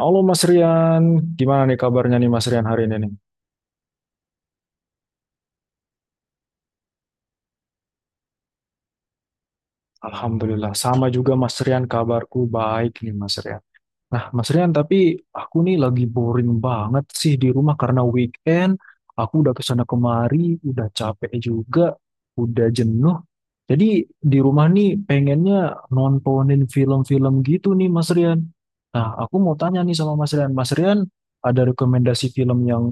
Halo Mas Rian, gimana nih kabarnya nih Mas Rian hari ini nih? Alhamdulillah, sama juga Mas Rian kabarku baik nih Mas Rian. Nah Mas Rian, tapi aku nih lagi boring banget sih di rumah karena weekend, aku udah kesana kemari, udah capek juga, udah jenuh. Jadi di rumah nih pengennya nontonin film-film gitu nih Mas Rian. Nah aku mau tanya nih sama Mas Rian, Mas Rian ada rekomendasi film yang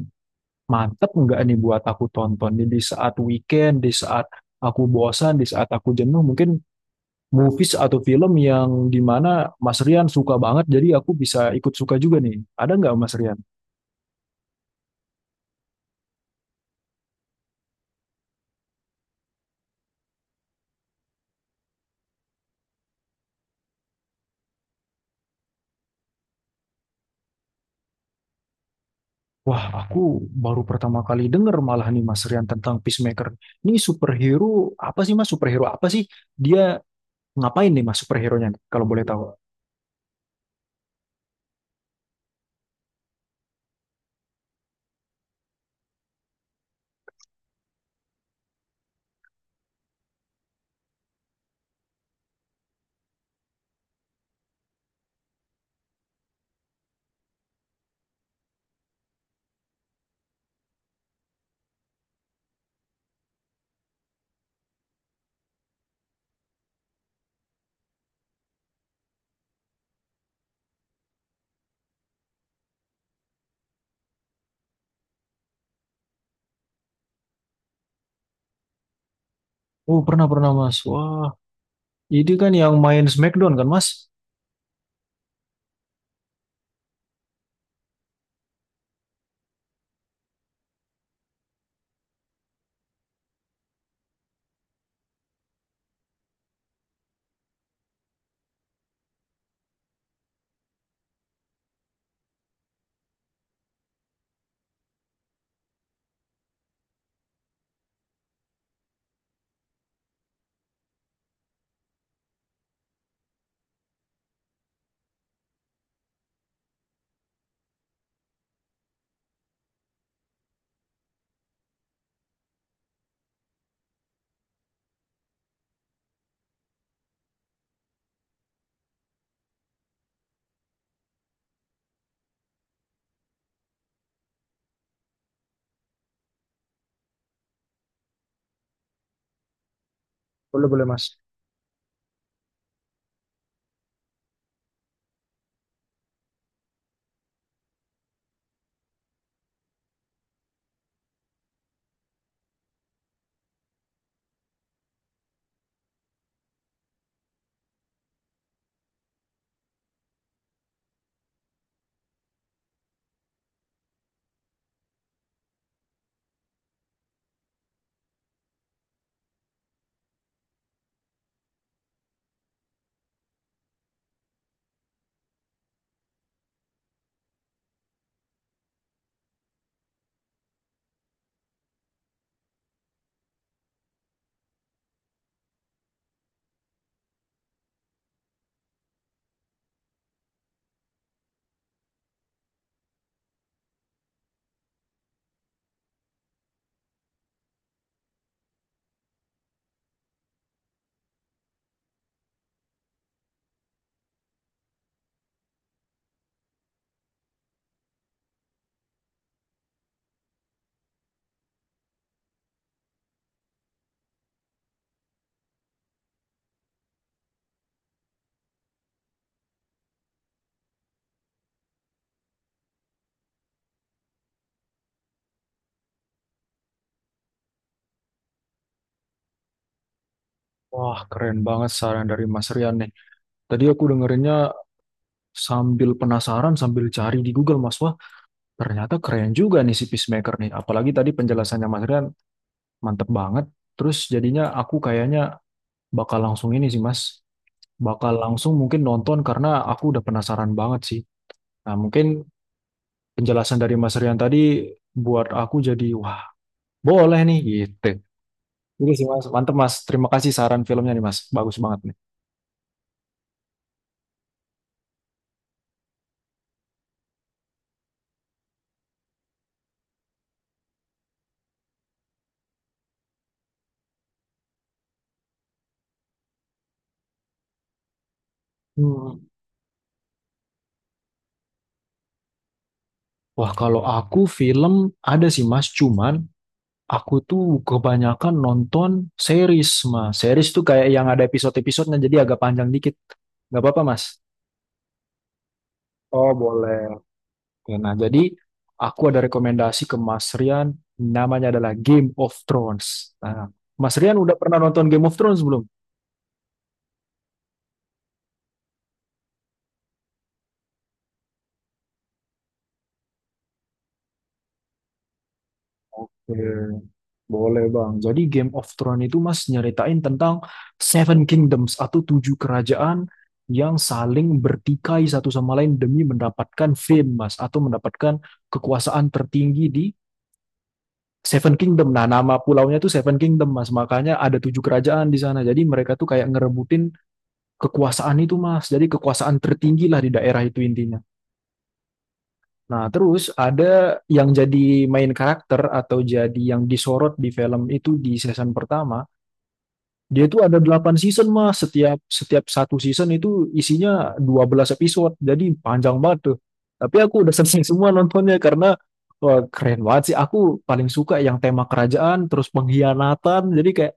mantep nggak nih buat aku tonton. Jadi di saat weekend, di saat aku bosan, di saat aku jenuh, mungkin movies atau film yang dimana Mas Rian suka banget, jadi aku bisa ikut suka juga nih. Ada nggak Mas Rian? Wah, aku baru pertama kali denger malah nih Mas Rian tentang Peacemaker. Ini superhero apa sih Mas? Superhero apa sih? Dia ngapain nih Mas superhero-nya nih, kalau boleh tahu? Oh, pernah-pernah Mas. Wah, ini kan yang main Smackdown kan Mas? Boleh-boleh Mas. Wah, keren banget saran dari Mas Rian nih. Tadi aku dengerinnya sambil penasaran, sambil cari di Google, Mas. Wah, ternyata keren juga nih si Peacemaker nih. Apalagi tadi penjelasannya Mas Rian mantep banget. Terus jadinya aku kayaknya bakal langsung ini sih, Mas. Bakal langsung mungkin nonton karena aku udah penasaran banget sih. Nah, mungkin penjelasan dari Mas Rian tadi buat aku jadi, wah, boleh nih gitu. Ini sih, Mas. Mantep, Mas. Terima kasih saran filmnya nih, Mas. Bagus banget nih. Hmm. Wah, kalau aku film ada sih, Mas. Cuman aku tuh kebanyakan nonton series, Mas. Series tuh kayak yang ada episode-episodenya, jadi agak panjang dikit. Nggak apa-apa, Mas. Oh, boleh. Oke, nah, jadi aku ada rekomendasi ke Mas Rian, namanya adalah Game of Thrones. Nah, Mas Rian udah pernah nonton Game of Thrones belum? Oke, boleh Bang. Jadi Game of Thrones itu Mas nyeritain tentang Seven Kingdoms atau tujuh kerajaan yang saling bertikai satu sama lain demi mendapatkan fame Mas, atau mendapatkan kekuasaan tertinggi di Seven Kingdom. Nah, nama pulaunya itu Seven Kingdom Mas. Makanya ada tujuh kerajaan di sana. Jadi mereka tuh kayak ngerebutin kekuasaan itu Mas. Jadi kekuasaan tertinggi lah di daerah itu intinya. Nah, terus ada yang jadi main karakter atau jadi yang disorot di film itu di season pertama. Dia itu ada 8 season, Mas. Setiap setiap satu season itu isinya 12 episode. Jadi panjang banget tuh. Tapi aku udah selesai semua nontonnya karena, wah, keren banget sih. Aku paling suka yang tema kerajaan, terus pengkhianatan. Jadi kayak,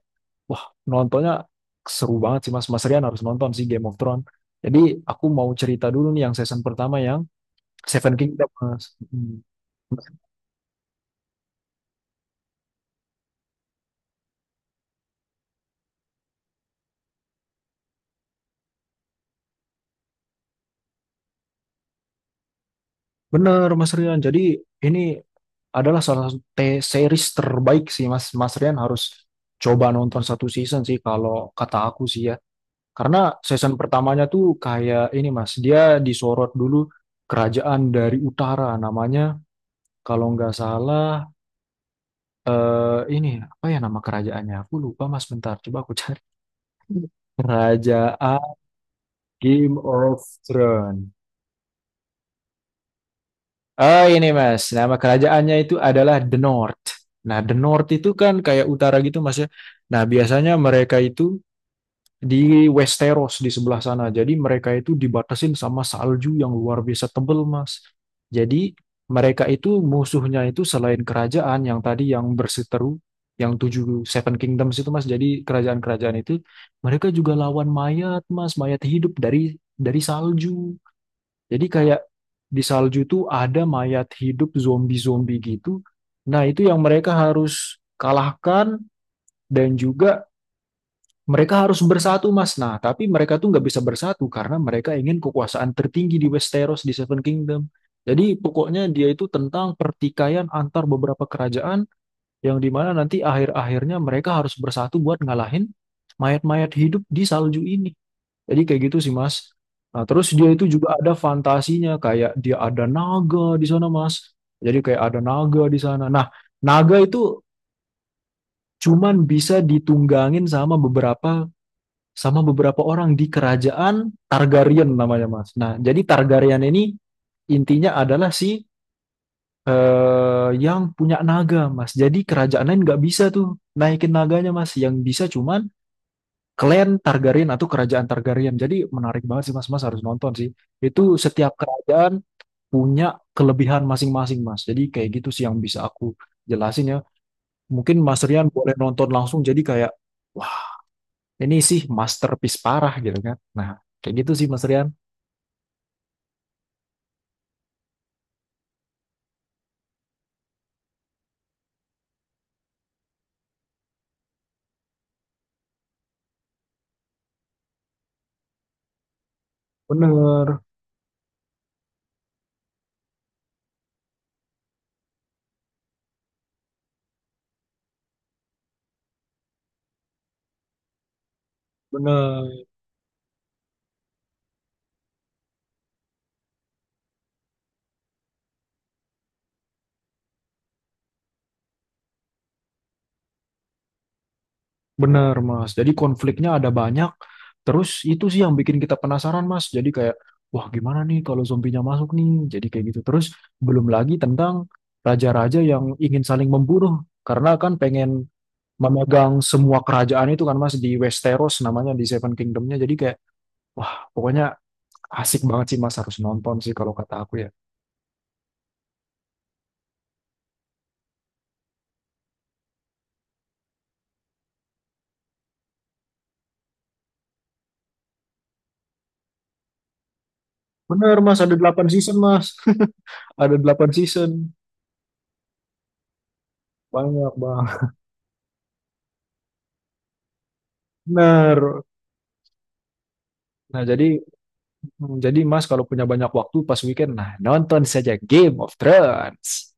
wah, nontonnya seru banget sih, Mas. Mas Rian harus nonton sih Game of Thrones. Jadi aku mau cerita dulu nih yang season pertama yang Seven Kingdom, Mas. Hmm. Bener, Mas Rian. Jadi ini adalah salah satu series terbaik sih, Mas. Mas Rian harus coba nonton satu season sih kalau kata aku sih ya. Karena season pertamanya tuh kayak ini, Mas. Dia disorot dulu kerajaan dari utara namanya, kalau nggak salah, eh ini apa ya nama kerajaannya? Aku lupa, Mas. Bentar, coba aku cari. Kerajaan Game of Thrones. Oh ini Mas, nama kerajaannya itu adalah The North. Nah, The North itu kan kayak utara gitu Mas ya. Nah, biasanya mereka itu di Westeros di sebelah sana. Jadi mereka itu dibatasin sama salju yang luar biasa tebel Mas. Jadi mereka itu musuhnya itu selain kerajaan yang tadi yang berseteru, yang tujuh Seven Kingdoms itu Mas. Jadi kerajaan-kerajaan itu mereka juga lawan mayat Mas, mayat hidup dari salju. Jadi kayak di salju tuh ada mayat hidup zombie-zombie gitu. Nah, itu yang mereka harus kalahkan, dan juga mereka harus bersatu, Mas. Nah, tapi mereka tuh nggak bisa bersatu karena mereka ingin kekuasaan tertinggi di Westeros, di Seven Kingdom. Jadi pokoknya dia itu tentang pertikaian antar beberapa kerajaan yang dimana nanti akhir-akhirnya mereka harus bersatu buat ngalahin mayat-mayat hidup di salju ini. Jadi kayak gitu sih Mas. Nah, terus dia itu juga ada fantasinya, kayak dia ada naga di sana Mas. Jadi kayak ada naga di sana. Nah, naga itu cuman bisa ditunggangin sama beberapa orang di kerajaan Targaryen namanya Mas. Nah, jadi Targaryen ini intinya adalah si yang punya naga Mas. Jadi kerajaan lain nggak bisa tuh naikin naganya Mas. Yang bisa cuman Klan Targaryen atau Kerajaan Targaryen. Jadi menarik banget sih Mas, Mas harus nonton sih. Itu setiap kerajaan punya kelebihan masing-masing Mas. Jadi kayak gitu sih yang bisa aku jelasin ya. Mungkin Mas Rian boleh nonton langsung jadi kayak, wah, ini sih masterpiece parah gitu kan. Nah, kayak gitu sih Mas Rian. Bener, bener. Bener, Mas. Jadi konfliknya ada banyak. Terus itu sih yang bikin kita penasaran, Mas. Jadi kayak, wah, gimana nih kalau zombinya masuk nih? Jadi kayak gitu. Terus belum lagi tentang raja-raja yang ingin saling membunuh. Karena kan pengen memegang semua kerajaan itu kan, Mas, di Westeros namanya, di Seven Kingdomnya. Jadi kayak, wah, pokoknya asik banget sih, Mas. Harus nonton sih kalau kata aku ya. Bener, Mas. Ada delapan season, Mas. Ada 8 season. Banyak, Bang. Bener. Nah, jadi Mas kalau punya banyak waktu pas weekend, nah nonton saja Game of Thrones.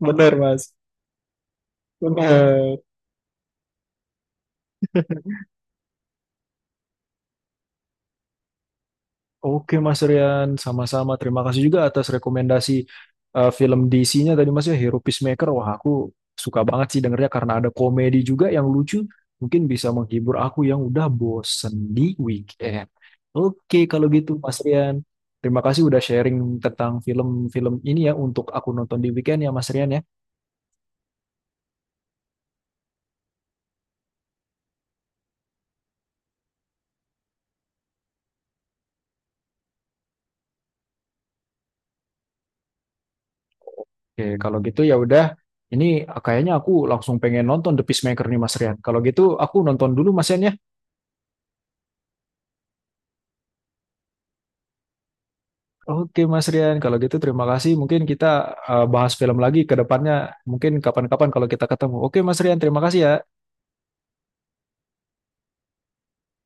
Benar, Mas. Benar. Oke Mas Rian, sama-sama. Terima kasih juga atas rekomendasi film DC-nya tadi Mas ya, Hero Peacemaker. Wah aku suka banget sih dengernya karena ada komedi juga yang lucu. Mungkin bisa menghibur aku yang udah bosen di weekend. Oke kalau gitu Mas Rian, terima kasih udah sharing tentang film-film ini ya untuk aku nonton di weekend ya Mas Rian ya. Oke, kalau gitu ya udah. Ini kayaknya aku langsung pengen nonton The Peacemaker nih Mas Rian. Kalau gitu aku nonton dulu Mas Rian ya. Oke Mas Rian, kalau gitu terima kasih. Mungkin kita bahas film lagi ke depannya. Mungkin kapan-kapan kalau kita ketemu. Oke Mas Rian, terima kasih ya.